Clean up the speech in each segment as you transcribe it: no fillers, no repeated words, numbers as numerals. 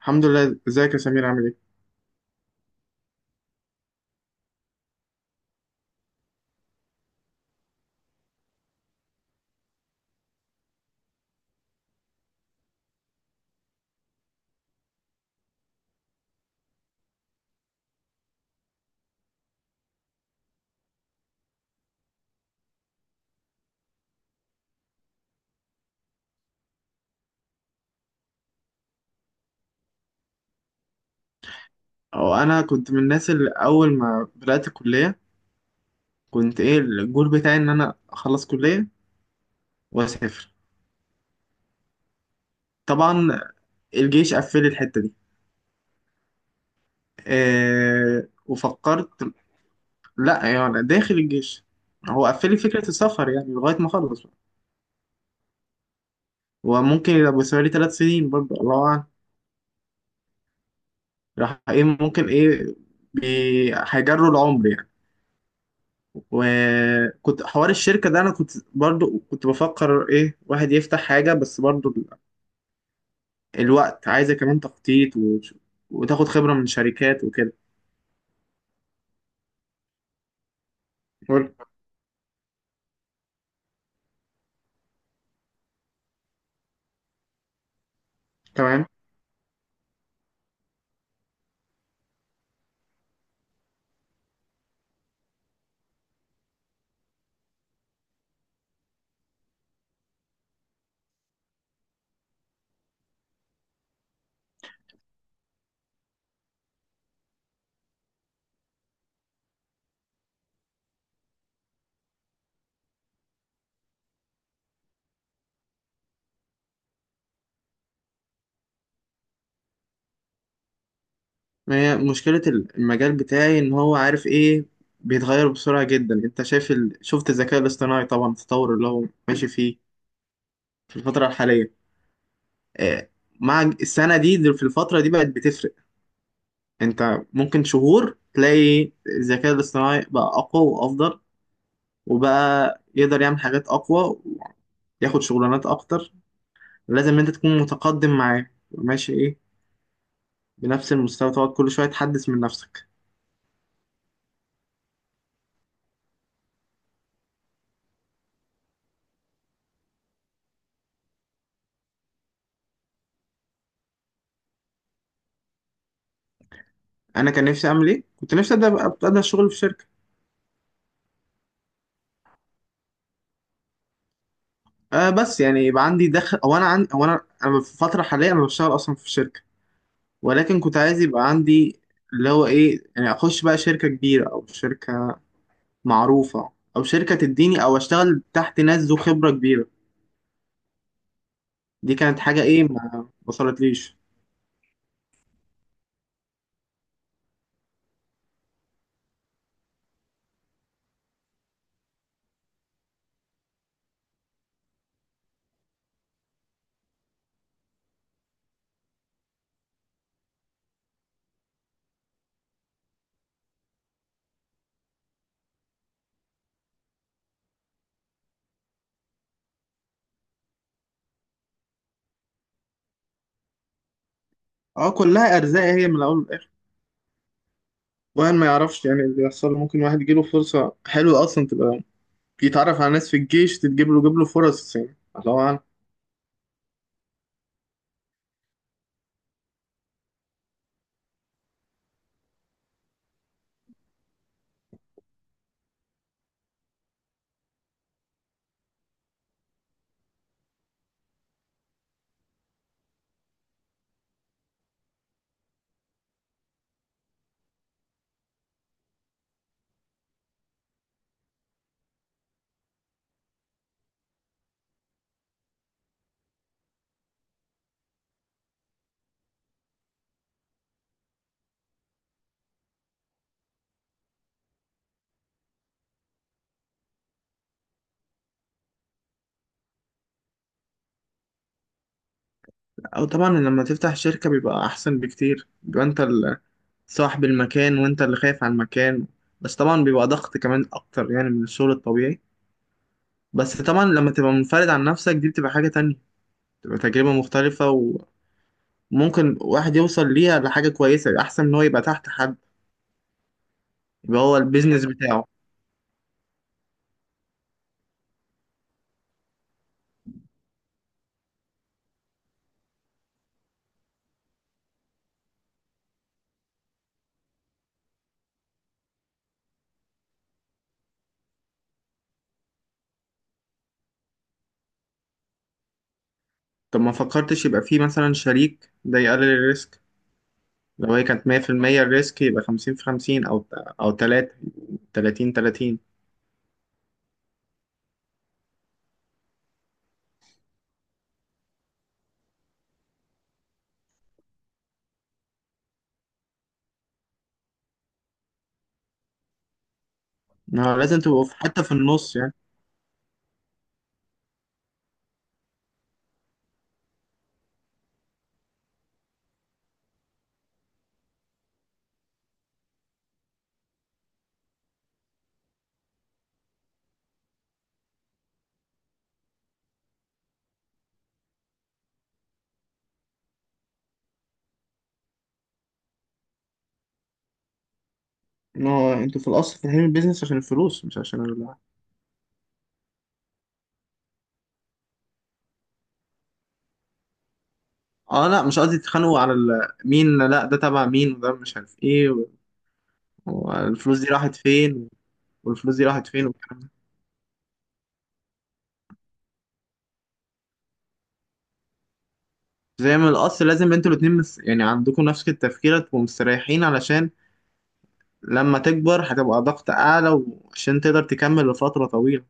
الحمد لله، ازيك يا سمير عامل ايه؟ أو انا كنت من الناس اللي اول ما بدأت الكلية كنت ايه الجول بتاعي ان انا اخلص كلية واسافر. طبعا الجيش قفل لي الحتة دي. أه وفكرت لا يعني داخل الجيش. هو قفل لي فكرة السفر يعني لغاية ما اخلص بقى. وممكن يبقى بالنسبه لي 3 سنين برضه الله اعلم. راح ايه ممكن ايه هيجروا العمر يعني. وكنت حوار الشركة ده، أنا كنت برضو بفكر إيه، واحد يفتح حاجة، بس برضو الوقت عايزة كمان تخطيط وتاخد خبرة من شركات وكده. قول. تمام. ما هي مشكلة المجال بتاعي إن هو عارف إيه، بيتغير بسرعة جدا. أنت شايف شفت الذكاء الاصطناعي طبعا التطور اللي هو ماشي فيه في الفترة الحالية. آه، مع السنة دي في الفترة دي بقت بتفرق. أنت ممكن شهور تلاقي الذكاء الاصطناعي بقى أقوى وأفضل، وبقى يقدر يعمل حاجات أقوى وياخد شغلانات أكتر. لازم أنت تكون متقدم معاه ماشي إيه بنفس المستوى، تقعد كل شويه تحدث من نفسك. انا كان نفسي اعمل ايه؟ كنت نفسي ابدا شغل في شركه. آه بس يعني يبقى عندي دخل، او انا في فتره حاليه انا بشتغل اصلا في شركه، ولكن كنت عايز يبقى عندي اللي هو ايه يعني، اخش بقى شركه كبيره او شركه معروفه، او شركه تديني او اشتغل تحت ناس ذو خبره كبيره. دي كانت حاجه ايه ما وصلتليش. اه كلها ارزاق هي من الاول للاخر. واحد ما يعرفش يعني اللي يحصل له. ممكن واحد يجيله فرصه حلوه اصلا، تبقى يتعرف على ناس في الجيش تتجيب له، جيب له فرص يعني الله أعلم. أو طبعا لما تفتح شركة بيبقى أحسن بكتير، بيبقى أنت صاحب المكان وأنت اللي خايف على المكان. بس طبعا بيبقى ضغط كمان أكتر يعني من الشغل الطبيعي. بس طبعا لما تبقى منفرد عن نفسك دي بتبقى حاجة تانية، بتبقى تجربة مختلفة. وممكن واحد يوصل ليها لحاجة كويسة أحسن من هو يبقى تحت حد، يبقى هو البيزنس بتاعه. طب ما فكرتش يبقى فيه مثلا شريك، ده يقلل الريسك؟ لو هي كانت 100% الريسك يبقى 50 في 50، أو أو 30 30. ما هو لازم تبقوا حتى في النص يعني. ما هو انتوا في الاصل فاهمين البيزنس عشان الفلوس مش عشان اه لا مش قصدي تتخانقوا على مين لا، ده تبع مين وده مش عارف ايه والفلوس دي راحت فين، والكلام ده. زي ما الاصل لازم انتوا الاتنين يعني عندكم نفس التفكير تبقوا مستريحين، علشان لما تكبر هتبقى ضغط اعلى، وعشان تقدر تكمل لفترة طويلة.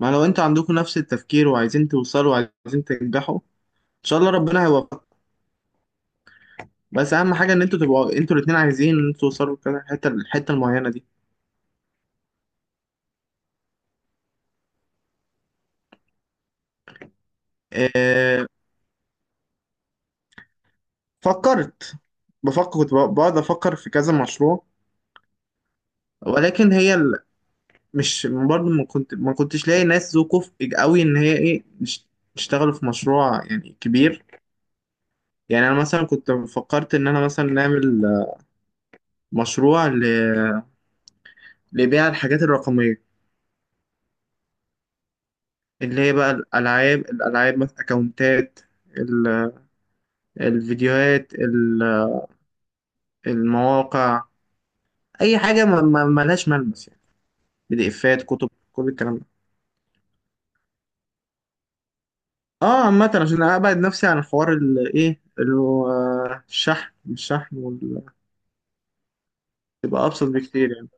ما لو انتوا عندكم نفس التفكير وعايزين توصلوا وعايزين تنجحوا ان شاء الله ربنا هيوفقكم. بس اهم حاجه ان انتوا تبقوا انتوا الاتنين عايزين ان انتوا توصلوا كده الحته المعينه دي. آه، فكرت. بفكر، كنت بقعد افكر في كذا مشروع. ولكن هي مش برضه ما كنتش لاقي ناس ذو كفء قوي ان هي ايه يشتغلوا في مشروع يعني كبير. يعني انا مثلا كنت فكرت ان انا مثلا نعمل مشروع لبيع الحاجات الرقميه، اللي هي بقى الالعاب، مثلا اكونتات، ال- الفيديوهات، المواقع، اي حاجه ملهاش ملمس يعني. بي دي افات، كتب، كل الكلام ده. اه عامه، عشان ابعد نفسي عن حوار الايه، الشحن تبقى ابسط بكتير يعني.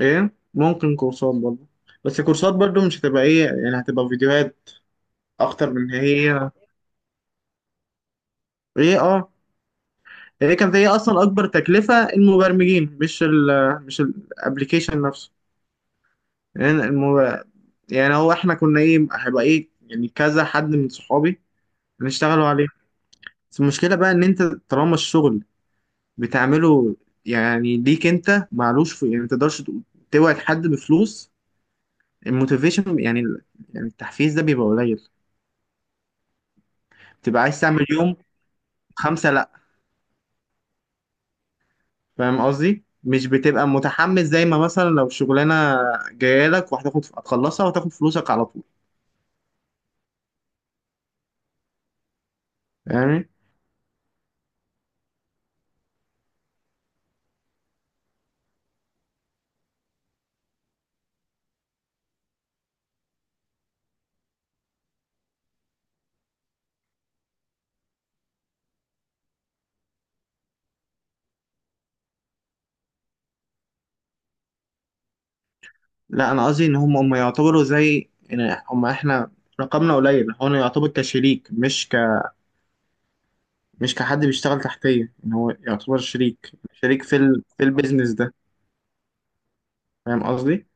ايه ممكن كورسات برضه. بس الكورسات برضه مش هتبقى ايه يعني، هتبقى فيديوهات اكتر من هي، ايه اه. هي كانت هي اصلا اكبر تكلفه المبرمجين، مش الابلكيشن نفسه. يعني المب... يعني هو احنا كنا ايه، هيبقى ايه يعني كذا حد من صحابي هنشتغلوا عليه. بس المشكلة بقى إن أنت طالما الشغل بتعمله يعني ليك أنت، معلوش في يعني، متقدرش توعد حد بفلوس. الموتيفيشن يعني، يعني التحفيز، ده بيبقى قليل. بتبقى عايز تعمل يوم خمسة لأ. فاهم قصدي؟ مش بتبقى متحمس زي ما مثلا لو شغلانة جاية لك وهتاخد، هتخلصها وهتاخد فلوسك على طول. فاهمني؟ لأ أنا قصدي إن هم يعتبروا زي إن هم إحنا رقمنا قليل، هو يعتبر كشريك مش مش كحد بيشتغل تحتيه، ان هو يعتبر شريك، في في البيزنس ده. فاهم قصدي.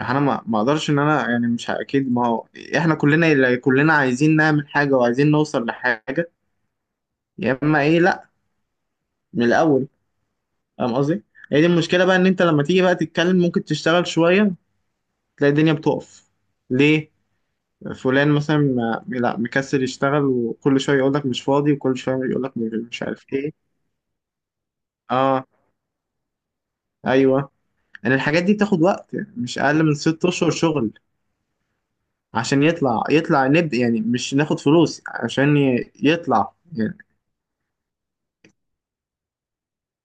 انا ما اقدرش ان انا يعني مش اكيد. ما هو احنا كلنا، اللي كلنا عايزين نعمل حاجه وعايزين نوصل لحاجه، يا اما ايه لا، من الاول. فاهم قصدي. هي دي المشكله بقى، ان انت لما تيجي بقى تتكلم ممكن تشتغل شويه تلاقي الدنيا بتقف. ليه؟ فلان مثلا لا مكسل يشتغل، وكل شويه يقول لك مش فاضي، وكل شويه يقول لك مش عارف ايه. اه ايوه. يعني الحاجات دي بتاخد وقت يعني مش اقل من 6 اشهر شغل. عشان يطلع نبدأ يعني مش ناخد فلوس عشان يطلع يعني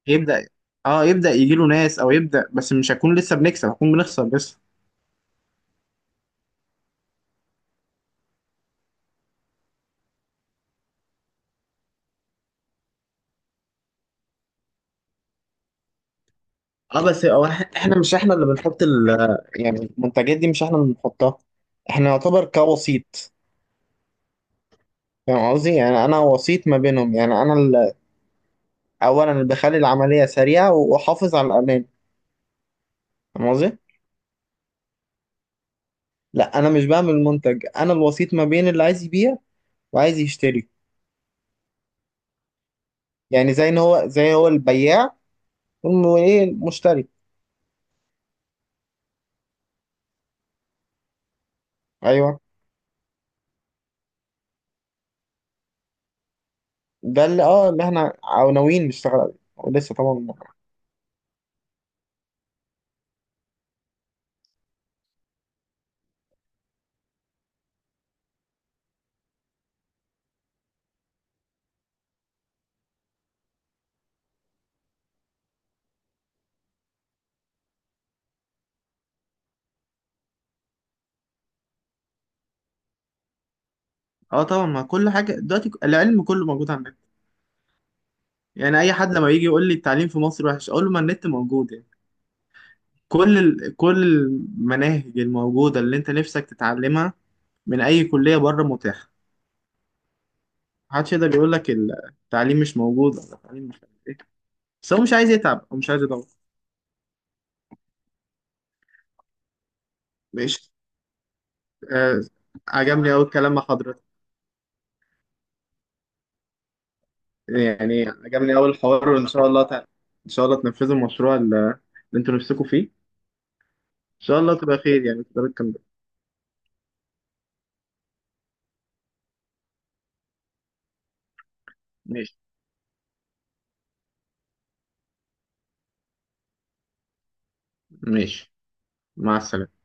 يبدأ. اه يبدأ يجيله ناس او يبدأ، بس مش هكون لسه بنكسب، هكون بنخسر بس. اه بس هو احنا مش احنا اللي بنحط ال، يعني المنتجات دي مش احنا اللي بنحطها، احنا نعتبر كوسيط. فاهم قصدي، يعني انا وسيط ما بينهم، يعني انا اولا اللي بخلي العملية سريعة واحافظ على الامان. فاهم قصدي. لا انا مش بعمل منتج، انا الوسيط ما بين اللي عايز يبيع وعايز يشتري. يعني زي ان هو زي هو البياع وايه المشتري. ايوه. ده اللي اه اللي احنا او ناويين نشتغل عليه، ولسه طبعا. اه طبعا، ما كل حاجه دلوقتي العلم كله موجود على النت. يعني اي حد لما يجي يقول لي التعليم في مصر وحش اقول له ما النت موجود يعني. كل المناهج الموجوده اللي انت نفسك تتعلمها من اي كليه بره متاحه. محدش يقدر يقول لك التعليم مش موجود ولا التعليم مش، بس هو مش عايز يتعب هو مش عايز يدور. ماشي. آه. عجبني قوي الكلام مع حضرتك. يعني عجبني أول الحوار، وإن شاء الله إن شاء الله تنفذوا المشروع اللي أنتوا نفسكم فيه، إن شاء الله تبقى خير يعني تقدروا تكملوا. ماشي. ماشي، مع السلامة.